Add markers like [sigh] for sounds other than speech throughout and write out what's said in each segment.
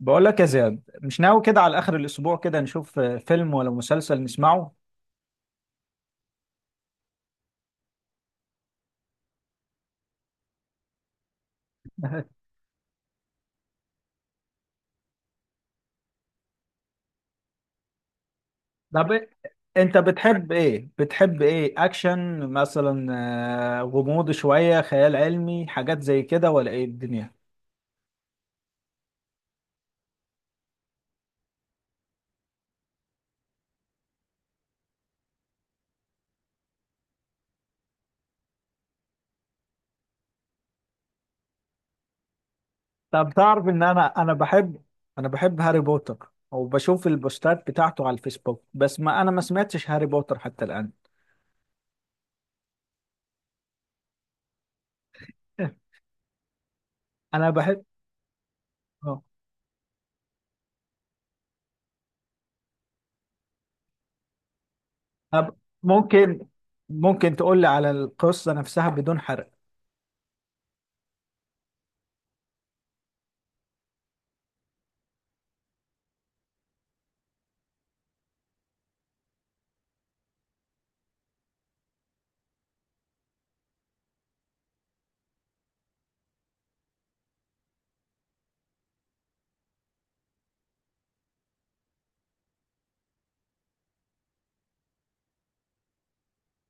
بقول لك يا زياد، مش ناوي كده على آخر الأسبوع كده نشوف فيلم ولا مسلسل نسمعه. [laughs] طب، أنت بتحب إيه؟ أكشن مثلا، غموض، شوية خيال علمي، حاجات زي كده، ولا إيه الدنيا؟ طب تعرف إن أنا بحب. أنا بحب هاري بوتر وبشوف البوستات بتاعته على الفيسبوك، بس ما أنا ما سمعتش هاري بوتر حتى الآن. [laughs] أنا بحب آه. طب ممكن ممكن تقول لي على القصة نفسها بدون حرق.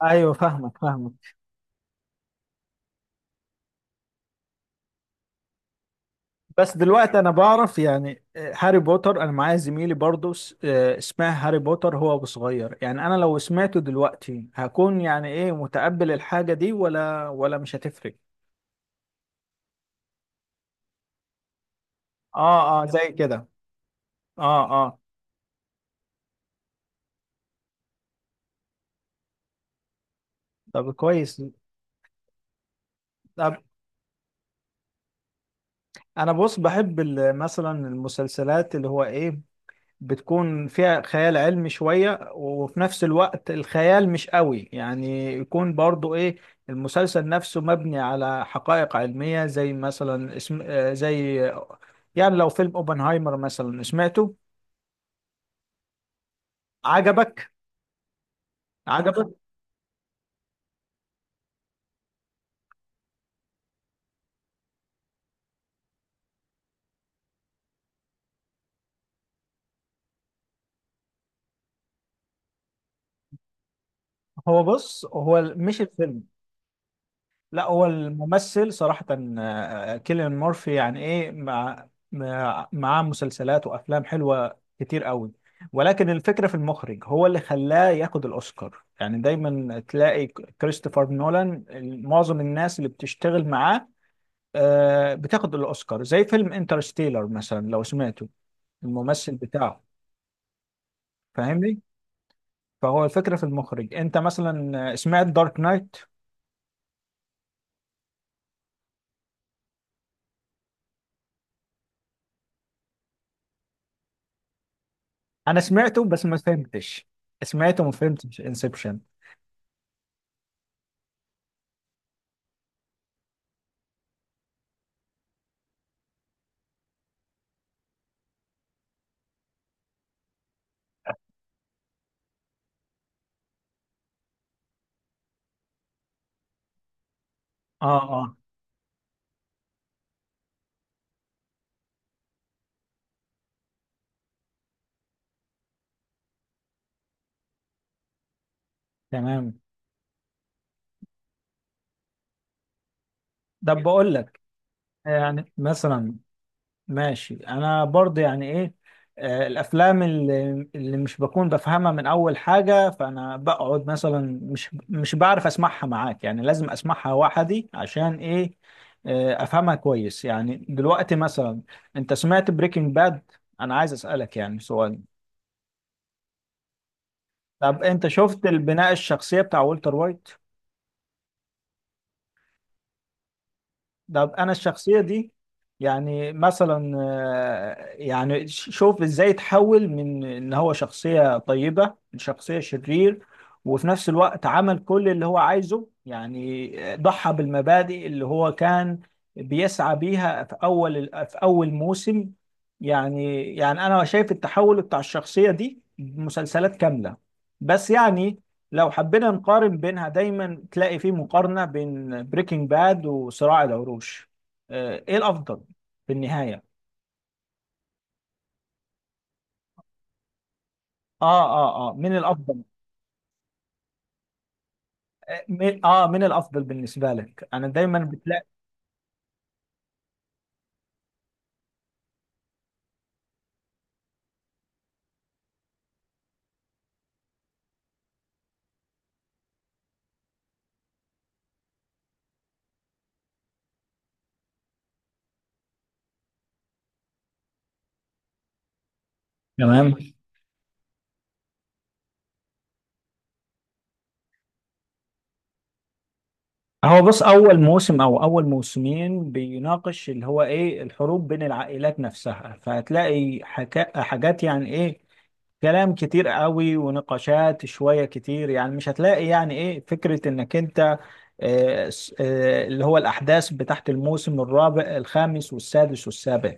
أيوه، فاهمك فاهمك. بس دلوقتي انا بعرف يعني هاري بوتر، انا معايا زميلي برضو اسمها هاري بوتر، هو أبو صغير. يعني انا لو سمعته دلوقتي هكون يعني ايه، متقبل الحاجة دي ولا مش هتفرق؟ اه، اه، زي كده. اه، اه. طب كويس. طب انا بص، بحب مثلا المسلسلات اللي هو ايه، بتكون فيها خيال علمي شوية، وفي نفس الوقت الخيال مش قوي، يعني يكون برضو ايه، المسلسل نفسه مبني على حقائق علمية، زي مثلا اسم، زي، يعني لو فيلم اوبنهايمر مثلا سمعته. عجبك؟ عجبك؟ [laughs] هو بص، هو مش الفيلم. لا، هو الممثل صراحة. كيليان مورفي يعني ايه، معاه مسلسلات وافلام حلوة كتير قوي. ولكن الفكرة في المخرج، هو اللي خلاه ياخد الاوسكار. يعني دايما تلاقي كريستوفر نولان، معظم الناس اللي بتشتغل معاه بتاخد الاوسكار، زي فيلم انترستيلر مثلا لو سمعته. الممثل بتاعه، فاهمني؟ فهو الفكرة في المخرج. انت مثلا سمعت دارك نايت؟ انا سمعته بس ما فهمتش. سمعته ما فهمتش انسبشن. اه، اه، تمام. طب بقول لك، يعني مثلا، ماشي، انا برضه يعني ايه، الافلام اللي مش بكون بفهمها من اول حاجه، فانا بقعد مثلا مش بعرف اسمعها معاك، يعني لازم اسمعها وحدي عشان ايه، افهمها كويس. يعني دلوقتي مثلا، انت سمعت بريكنج باد؟ انا عايز اسالك يعني سؤال. طب انت شفت البناء الشخصيه بتاع والتر وايت. طب انا الشخصيه دي، يعني مثلا، يعني شوف ازاي تحول من ان هو شخصيه طيبه لشخصيه شرير. وفي نفس الوقت عمل كل اللي هو عايزه، يعني ضحى بالمبادئ اللي هو كان بيسعى بيها في اول موسم. يعني انا شايف التحول بتاع الشخصيه دي مسلسلات كامله. بس يعني، لو حبينا نقارن بينها دايما تلاقي في مقارنة بين بريكنج باد وصراع العروش. ايه الافضل في النهاية؟ اه، اه، اه، من الافضل. من الافضل بالنسبة لك؟ انا دايما بتلاقي. تمام. هو بص، اول موسم او اول موسمين بيناقش اللي هو ايه الحروب بين العائلات نفسها، فهتلاقي حاجات يعني ايه، كلام كتير قوي ونقاشات شوية كتير، يعني مش هتلاقي يعني ايه فكرة انك انت اللي هو الأحداث بتاعت الموسم الرابع الخامس والسادس والسابع.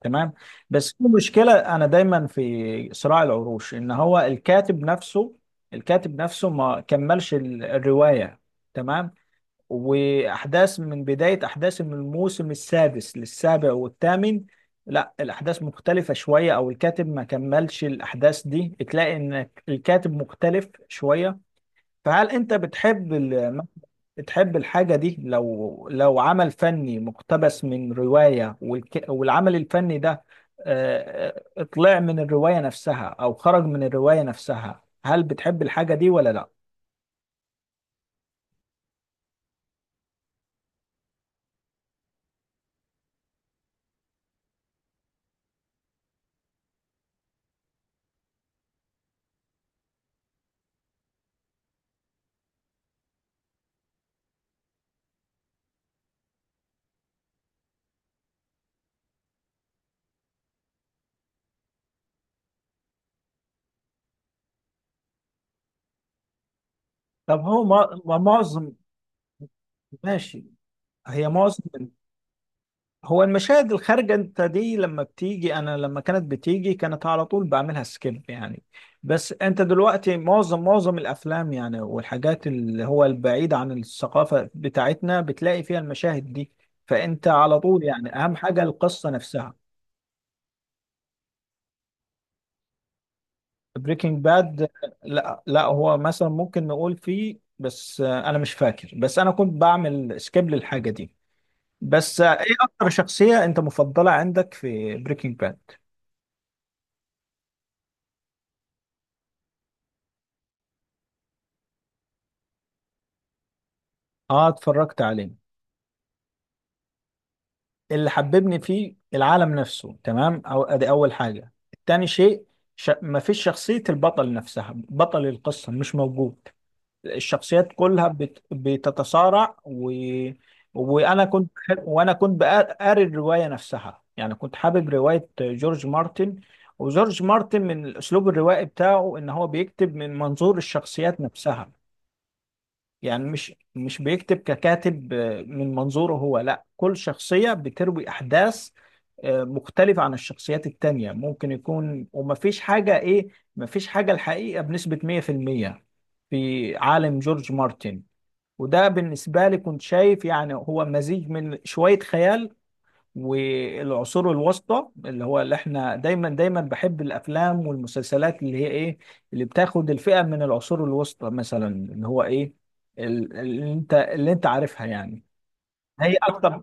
تمام. بس في مشكلة، أنا دايما في صراع العروش إن هو الكاتب نفسه ما كملش الرواية. تمام. وأحداث من بداية أحداث من الموسم السادس للسابع والثامن، لا، الأحداث مختلفة شوية، أو الكاتب ما كملش الأحداث دي، تلاقي إن الكاتب مختلف شوية. فهل أنت تحب الحاجة دي؟ لو عمل فني مقتبس من رواية والعمل الفني ده، طلع من الرواية نفسها أو خرج من الرواية نفسها، هل بتحب الحاجة دي ولا لا؟ طب هو ما معظم. ماشي. هي معظم. هو المشاهد الخارجة انت دي، لما بتيجي، انا لما كانت بتيجي كانت على طول بعملها سكيب يعني. بس انت دلوقتي، معظم الافلام يعني، والحاجات اللي هو البعيدة عن الثقافة بتاعتنا، بتلاقي فيها المشاهد دي. فانت على طول يعني اهم حاجة القصة نفسها. بريكنج باد، لا، لا. هو مثلا ممكن نقول فيه، بس انا مش فاكر، بس انا كنت بعمل سكيب للحاجة دي. بس ايه اكتر شخصية انت مفضلة عندك في بريكنج باد؟ اه، اتفرجت عليه. اللي حببني فيه العالم نفسه، تمام، أو ادي اول حاجه. تاني شيء، مفيش شخصيه البطل نفسها، بطل القصه مش موجود، الشخصيات كلها بتتصارع و... وانا كنت وانا كنت قاري الروايه نفسها، يعني كنت حابب روايه جورج مارتن. وجورج مارتن من الاسلوب الروائي بتاعه، ان هو بيكتب من منظور الشخصيات نفسها. يعني مش بيكتب ككاتب من منظوره هو، لا، كل شخصية بتروي أحداث مختلفة عن الشخصيات التانية، ممكن يكون ومفيش حاجة إيه، مفيش حاجة الحقيقة بنسبة 100% في المية في عالم جورج مارتن. وده بالنسبة لي كنت شايف يعني هو مزيج من شوية خيال والعصور الوسطى، اللي هو اللي احنا دايما دايما بحب الافلام والمسلسلات اللي هي ايه، اللي بتاخد الفئة من العصور الوسطى مثلا اللي هو ايه، اللي انت عارفها يعني. هي اكتر.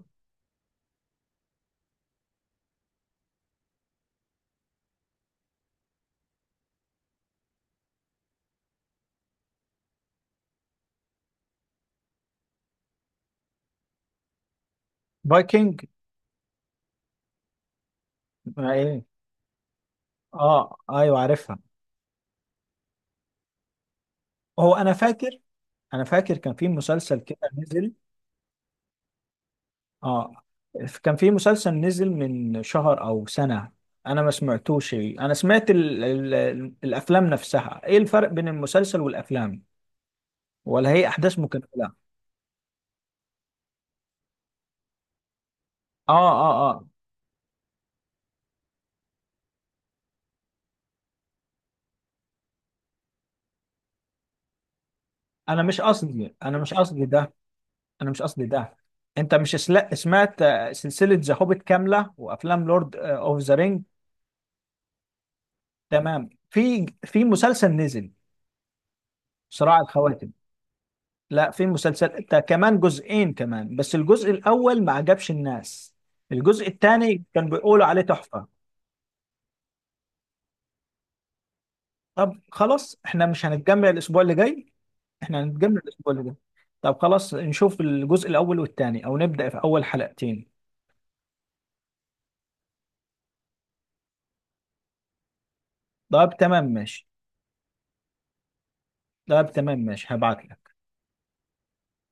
فايكنج. ما ايه. اه، ايوه، عارفها. هو انا فاكر كان في مسلسل كده نزل. اه، كان في مسلسل نزل من شهر او سنة. انا ما سمعتوش، انا سمعت ال الافلام نفسها. ايه الفرق بين المسلسل والافلام، ولا هي احداث مكمله؟ اه، اه، اه، انا مش قصدي انا مش قصدي ده انا مش قصدي ده. انت مش سمعت سلسله ذا هوبيت كامله وافلام لورد اوف ذا رينج؟ تمام. في مسلسل نزل، صراع الخواتم. لا، في مسلسل ده كمان جزئين كمان. بس الجزء الاول ما عجبش الناس، الجزء الثاني كان بيقولوا عليه تحفه. طب خلاص، احنا مش هنتجمع الاسبوع اللي جاي؟ احنا هنتجمع الاسبوع اللي جاي. طب خلاص نشوف الجزء الاول والثاني، او نبدا في اول حلقتين. طب تمام ماشي. طب تمام ماشي، هبعت لك.